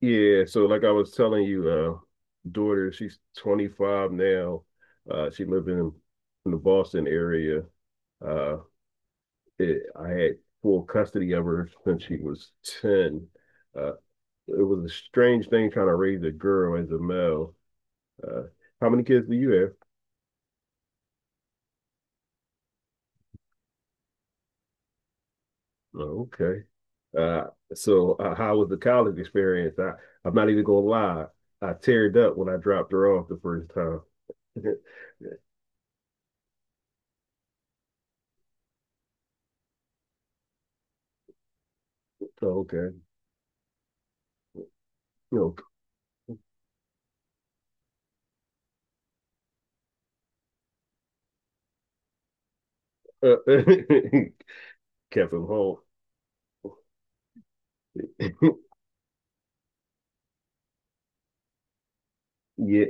Yeah, so like I was telling you, daughter, she's 25 now. She lived in the Boston area. Uh, I had full custody of her since she was 10. Uh, it was a strange thing trying to raise a girl as a male. Uh, how many kids do you have? Oh, okay. So how was the college experience? I'm not even gonna lie. I teared up when I dropped her off the first time. Okay. You know, kept him home. Yeah.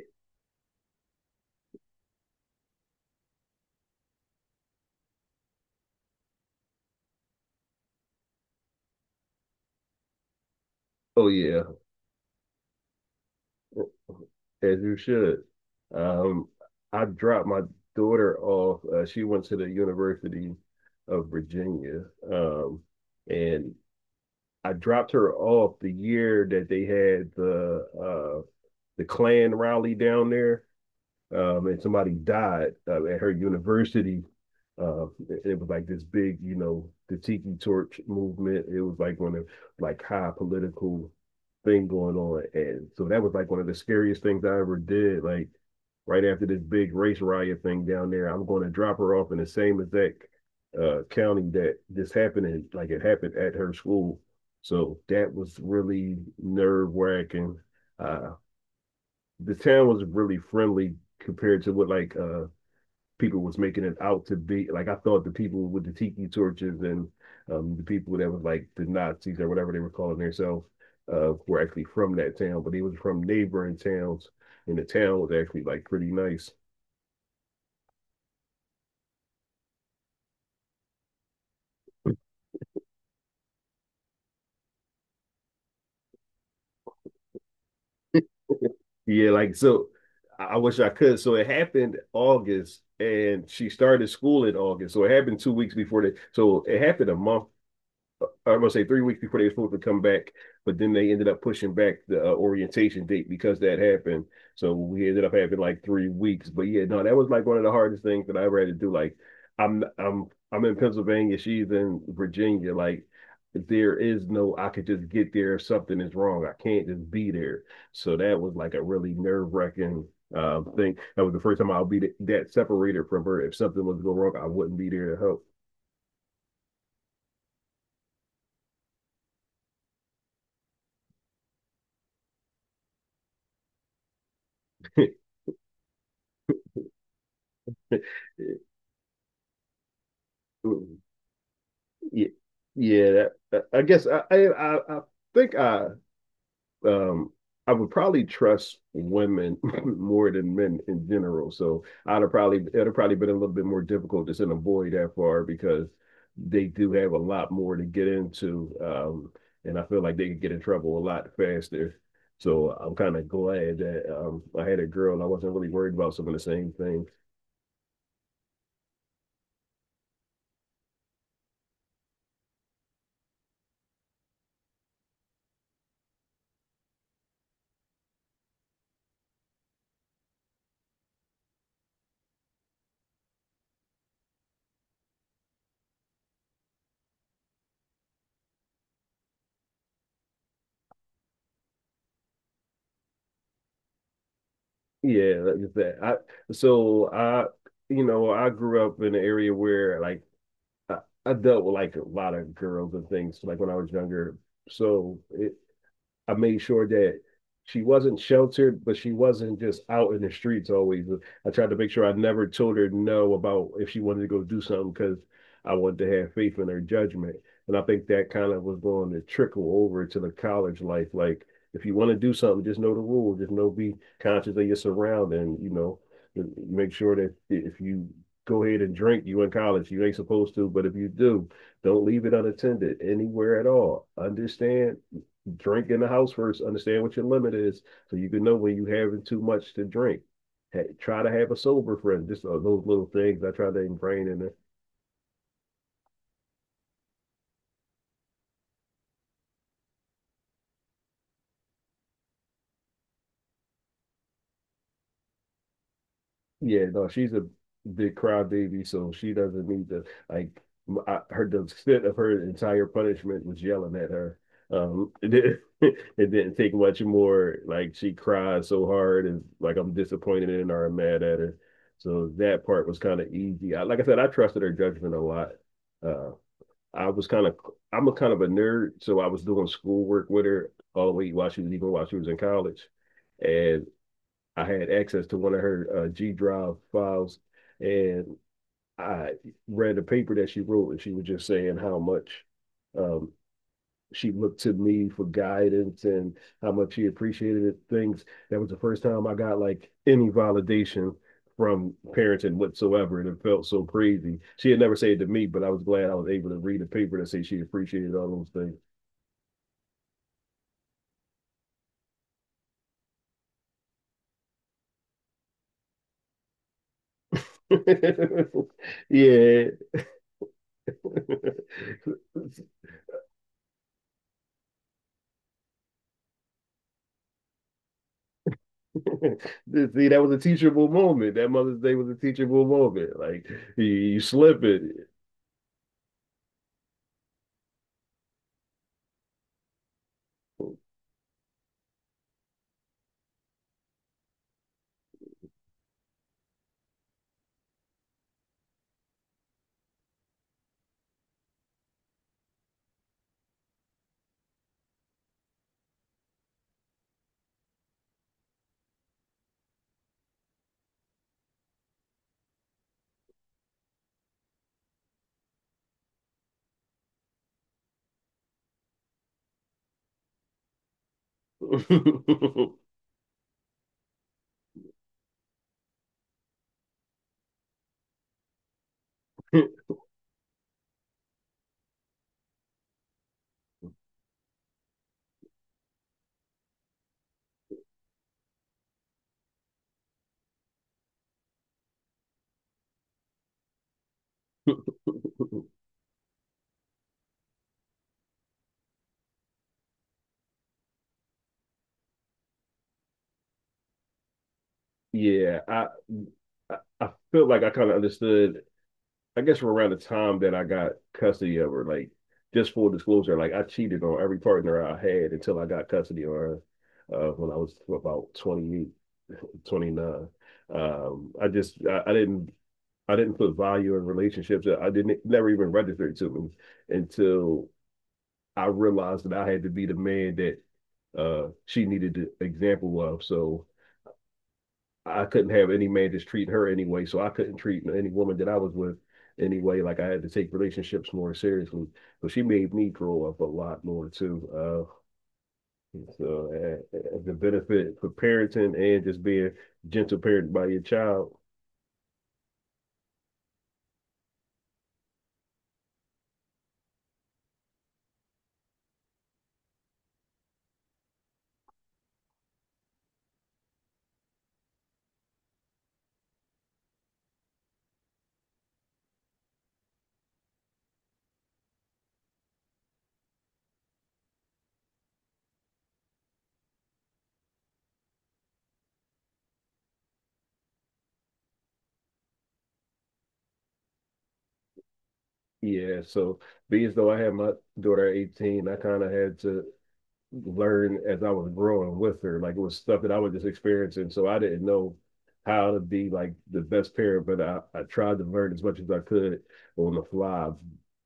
Oh, yeah. As you should. Um, I dropped my daughter off. She went to the University of Virginia, um, and I dropped her off the year that they had the Klan rally down there, and somebody died at her university. Uh, it was like this big, the Tiki Torch movement. It was like one of like high political thing going on, and so that was like one of the scariest things I ever did. Like right after this big race riot thing down there, I'm going to drop her off in the same exact county that this happened in. Like it happened at her school, so that was really nerve wracking. Uh, the town was really friendly compared to what like people was making it out to be. Like I thought the people with the tiki torches and the people that was like the Nazis or whatever they were calling themselves were actually from that town, but they was from neighboring towns and the town was actually like pretty nice. Yeah, like so I wish I could. So it happened August and she started school in August. So it happened 2 weeks before that. So it happened a month, I was gonna say 3 weeks before they were supposed to come back, but then they ended up pushing back the orientation date because that happened. So we ended up having like 3 weeks. But yeah, no, that was like one of the hardest things that I ever had to do. Like, I'm I'm I'm in Pennsylvania, she's in Virginia. Like, there is no I could just get there if something is wrong. I can't just be there. So that was like a really nerve wracking thing. That was the first time I'll be that separated from her. If something was to go wrong, I wouldn't be there to help. Yeah, yeah. That, I guess I think um, I would probably trust women more than men in general. So I'd have probably it'd have probably been a little bit more difficult to send a boy that far because they do have a lot more to get into, and I feel like they could get in trouble a lot faster. So I'm kind of glad that I had a girl and I wasn't really worried about some of the same things. Yeah, like that. I so I you know, I grew up in an area where like I, I dealt with like a lot of girls and things like when I was younger. So I made sure that she wasn't sheltered, but she wasn't just out in the streets always. I tried to make sure I never told her no about if she wanted to go do something because I wanted to have faith in her judgment. And I think that kind of was going to trickle over to the college life. Like, if you want to do something, just know the rules. Just know, be conscious of your surrounding. Make sure that if you go ahead and drink, you in college. You ain't supposed to, but if you do, don't leave it unattended anywhere at all. Understand? Drink in the house first. Understand what your limit is, so you can know when you are having too much to drink. Hey, try to have a sober friend. Just those little things I try to ingrain in her. Yeah, no, she's a big crybaby, so she doesn't need to, like. M- I, her The extent of her entire punishment was yelling at her. It didn't, It didn't take much more. Like she cried so hard, and like I'm disappointed in her, I'm mad at her. So that part was kind of easy. I, like I said, I trusted her judgment a lot. Uh, I was kind of I'm a kind of a nerd, so I was doing schoolwork with her all the way while she was even while she was in college, and I had access to one of her G Drive files, and I read a paper that she wrote, and she was just saying how much um, she looked to me for guidance and how much she appreciated things. That was the first time I got like any validation from parenting whatsoever, and it felt so crazy. She had never said it to me, but I was glad I was able to read a paper that said she appreciated all those things. Yeah. See, that was a teachable moment. That Mother's Day was a teachable moment. Like you slip it. Yeah, I feel like I kind of understood. I guess from around the time that I got custody of her, like just full disclosure, like I cheated on every partner I had until I got custody of her when I was about 28, 29. I just I didn't put value in relationships. I didn't, never even registered to me until I realized that I had to be the man that she needed an example of. So I couldn't have any man just treat her anyway. So I couldn't treat any woman that I was with anyway. Like I had to take relationships more seriously. So she made me grow up a lot more too. So the benefit for parenting and just being gentle parent by your child. Yeah. So being as though I had my daughter at 18, I kind of had to learn as I was growing with her. Like it was stuff that I was just experiencing. So I didn't know how to be like the best parent, but I tried to learn as much as I could on the fly.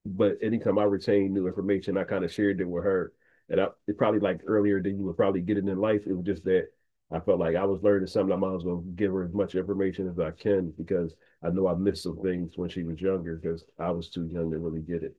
But anytime I retained new information, I kind of shared it with her. And I it probably, like, earlier than you would probably get it in life. It was just that I felt like I was learning something. I might as well give her as much information as I can because I know I missed some things when she was younger because I was too young to really get it.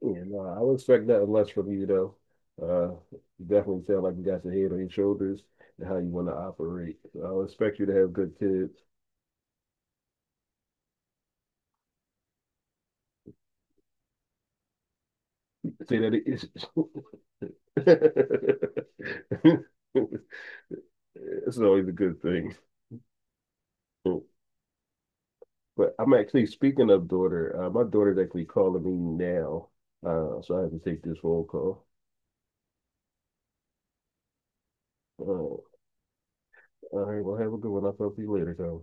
Yeah, no, I would expect nothing less from you though. You definitely sound like you got your head on your shoulders and how you want to operate. So I would expect you to have good kids. Say that it's always a good thing. But I'm actually speaking of daughter. My daughter's actually calling me now, so I have to take this phone call. All right, well, have a good one. I'll talk to you later, Tom.